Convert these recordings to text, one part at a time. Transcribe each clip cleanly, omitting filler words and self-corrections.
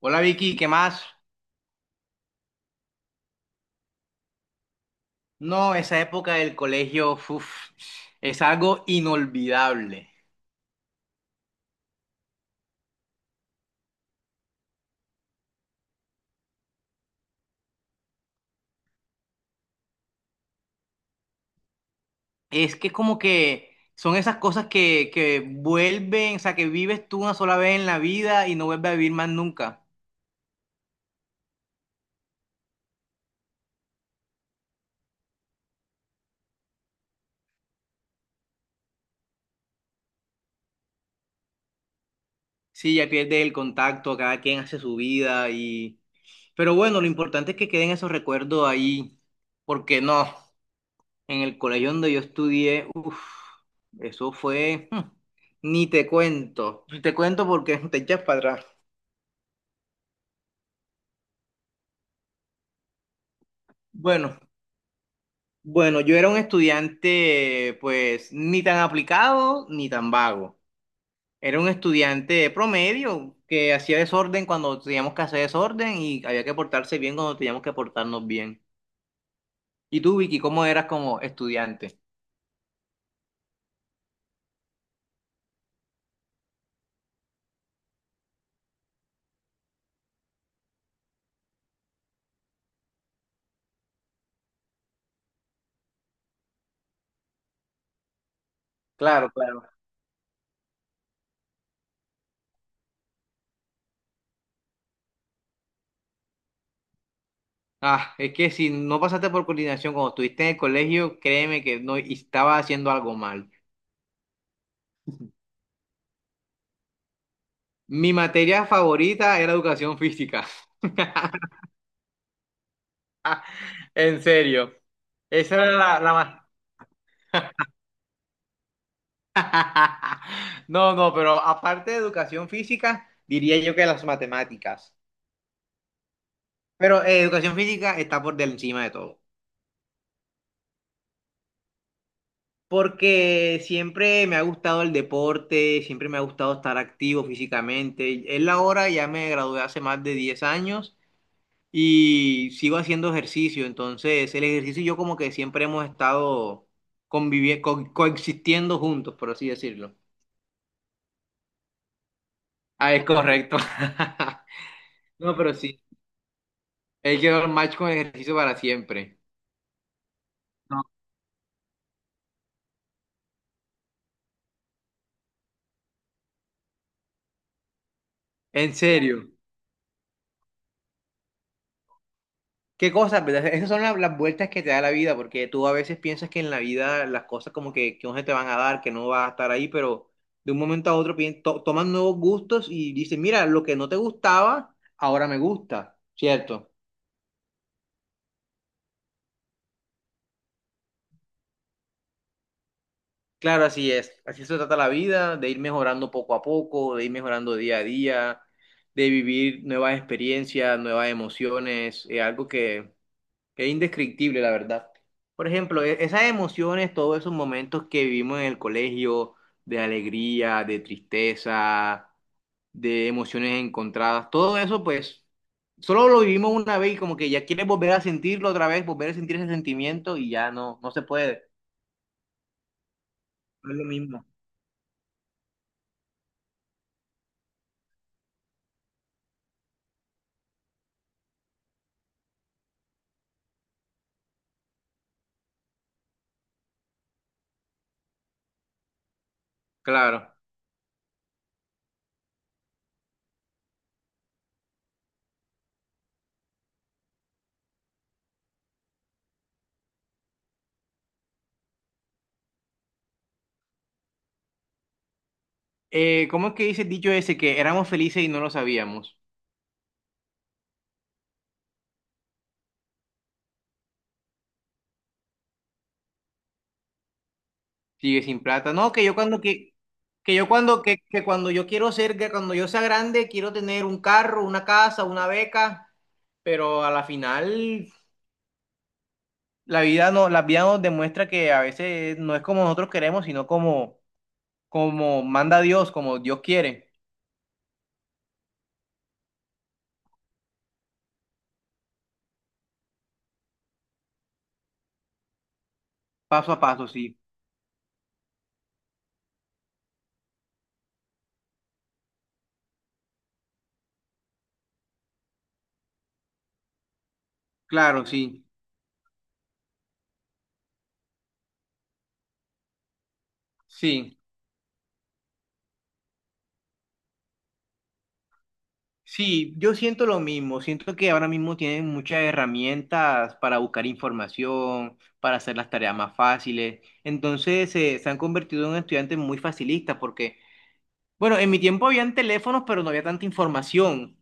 Hola Vicky, ¿qué más? No, esa época del colegio, uf, es algo inolvidable. Es que como que son esas cosas que vuelven, o sea, que vives tú una sola vez en la vida y no vuelves a vivir más nunca. Sí, ya pierdes el contacto, cada quien hace su vida y... Pero bueno, lo importante es que queden esos recuerdos ahí, porque no, en el colegio donde yo estudié, uf, eso fue... ni te cuento, ni te cuento porque te echas para atrás. Bueno. Bueno, yo era un estudiante, pues, ni tan aplicado ni tan vago. Era un estudiante promedio que hacía desorden cuando teníamos que hacer desorden y había que portarse bien cuando teníamos que portarnos bien. ¿Y tú, Vicky, cómo eras como estudiante? Claro, claro. Ah, es que si no pasaste por coordinación cuando estuviste en el colegio, créeme que no estaba haciendo algo mal. Mi materia favorita era educación física. En serio. Esa era la más no, no, pero aparte de educación física, diría yo que las matemáticas. Pero educación física está por encima de todo. Porque siempre me ha gustado el deporte, siempre me ha gustado estar activo físicamente. Es la hora, ya me gradué hace más de 10 años y sigo haciendo ejercicio. Entonces, el ejercicio y yo como que siempre hemos estado conviviendo, coexistiendo juntos, por así decirlo. Ah, es correcto. No, pero sí. Él quedó el match con el ejercicio para siempre. No, en serio. Qué cosas, ¿verdad? Esas son las vueltas que te da la vida, porque tú a veces piensas que en la vida las cosas como que no se te van a dar, que no vas a estar ahí, pero de un momento a otro toman nuevos gustos y dicen, mira, lo que no te gustaba, ahora me gusta, ¿cierto? Claro, así es. Así se trata la vida, de ir mejorando poco a poco, de ir mejorando día a día, de vivir nuevas experiencias, nuevas emociones, es algo que es indescriptible, la verdad. Por ejemplo, esas emociones, todos esos momentos que vivimos en el colegio, de alegría, de tristeza, de emociones encontradas, todo eso, pues, solo lo vivimos una vez y como que ya quieres volver a sentirlo otra vez, volver a sentir ese sentimiento y ya no, no se puede. No es lo mismo. Claro. ¿cómo es que dice el dicho ese que éramos felices y no lo sabíamos? Sigue sin plata. No, que cuando yo quiero ser, que cuando yo sea grande, quiero tener un carro, una casa, una beca, pero a la final la vida no, la vida nos demuestra que a veces no es como nosotros queremos, sino como, como manda Dios, como Dios quiere, paso a paso, sí. Claro, sí. Sí. Sí, yo siento lo mismo, siento que ahora mismo tienen muchas herramientas para buscar información, para hacer las tareas más fáciles, entonces se han convertido en estudiantes muy facilistas porque, bueno, en mi tiempo habían teléfonos, pero no había tanta información,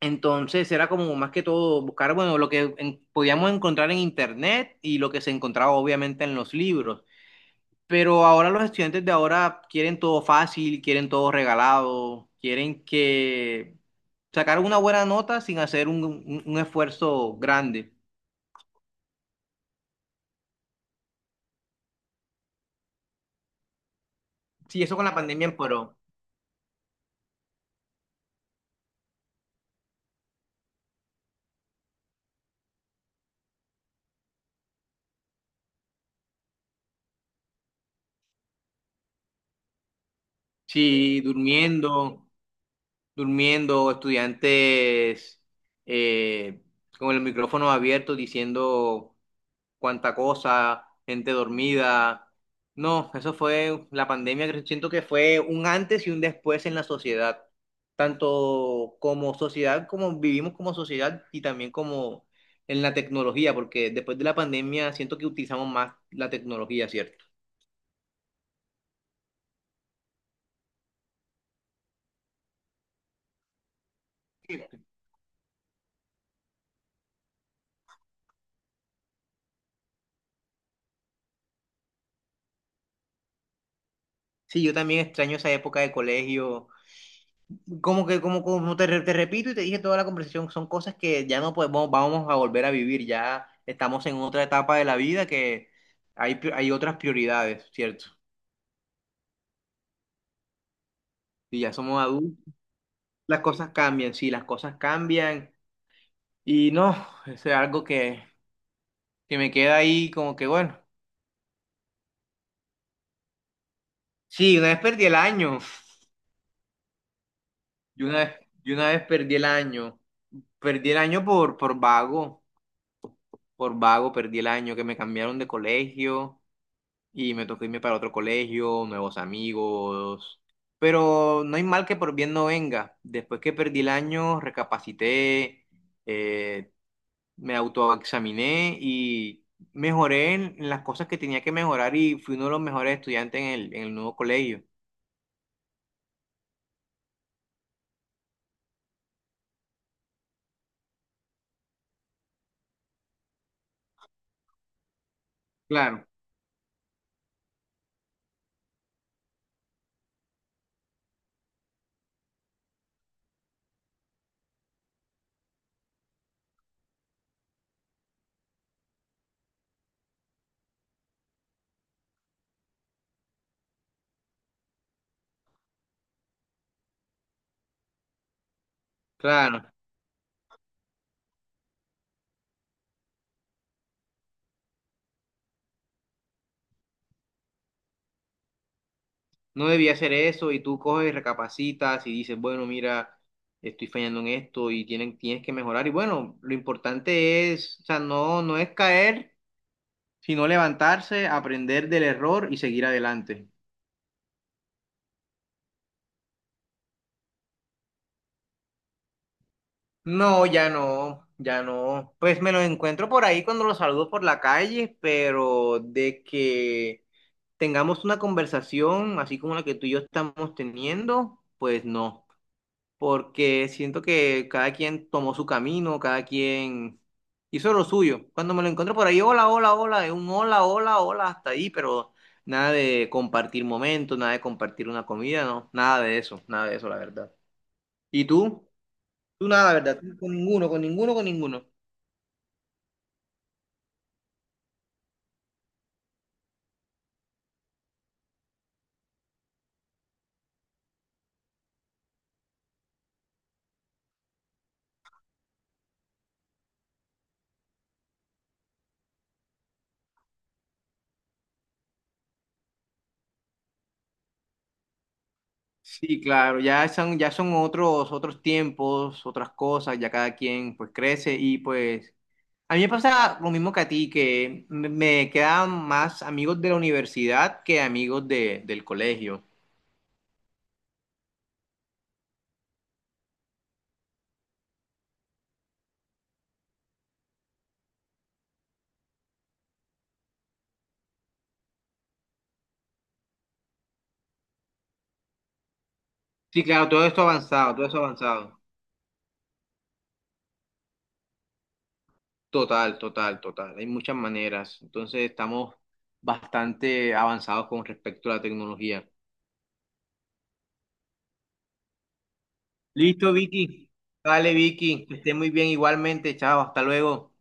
entonces era como más que todo buscar, bueno, lo que podíamos encontrar en internet y lo que se encontraba obviamente en los libros. Pero ahora los estudiantes de ahora quieren todo fácil, quieren todo regalado, quieren que sacar una buena nota sin hacer un esfuerzo grande. Sí, eso con la pandemia empeoró. Sí, durmiendo, durmiendo, estudiantes eh, con el micrófono abierto diciendo cuánta cosa, gente dormida. No, eso fue la pandemia que siento que fue un antes y un después en la sociedad, tanto como sociedad, como vivimos como sociedad y también como en la tecnología, porque después de la pandemia siento que utilizamos más la tecnología, ¿cierto? Sí, yo también extraño esa época de colegio. Como que, como te, te repito y te dije toda la conversación, son cosas que ya no podemos, vamos a volver a vivir, ya estamos en otra etapa de la vida que hay, hay otras prioridades, ¿cierto? Y ya somos adultos, las cosas cambian, sí, las cosas cambian, y no, eso es algo que me queda ahí como que, bueno, sí, una vez perdí el año, yo una vez, yo una vez perdí el año por vago perdí el año, que me cambiaron de colegio. Y me tocó irme para otro colegio, nuevos amigos. Pero no hay mal que por bien no venga. Después que perdí el año, recapacité, eh, me autoexaminé y mejoré en las cosas que tenía que mejorar y fui uno de los mejores estudiantes en el nuevo colegio. Claro, claro. No debía hacer eso y tú coges y recapacitas y dices, bueno, mira, estoy fallando en esto y tienes que mejorar. Y bueno, lo importante es, o sea, no, no es caer, sino levantarse, aprender del error y seguir adelante. No, ya no, ya no. Pues me lo encuentro por ahí cuando lo saludo por la calle, pero de que tengamos una conversación así como la que tú y yo estamos teniendo, pues no, porque siento que cada quien tomó su camino, cada quien hizo lo suyo. Cuando me lo encuentro por ahí, hola, hola, hola, es un hola, hola, hola, hasta ahí, pero nada de compartir momentos, nada de compartir una comida, no, nada de eso, nada de eso, la verdad. ¿Y tú? Tú nada, la verdad, tú con ninguno, con ninguno, con ninguno. Sí, claro, ya son otros, otros tiempos, otras cosas, ya cada quien pues crece y pues a mí me pasa lo mismo que a ti, que me quedan más amigos de la universidad que amigos de, del colegio. Sí, claro, todo esto avanzado, todo eso avanzado. Total, total, total. Hay muchas maneras. Entonces estamos bastante avanzados con respecto a la tecnología. Listo, Vicky. Dale, Vicky. Que esté muy bien igualmente. Chao, hasta luego.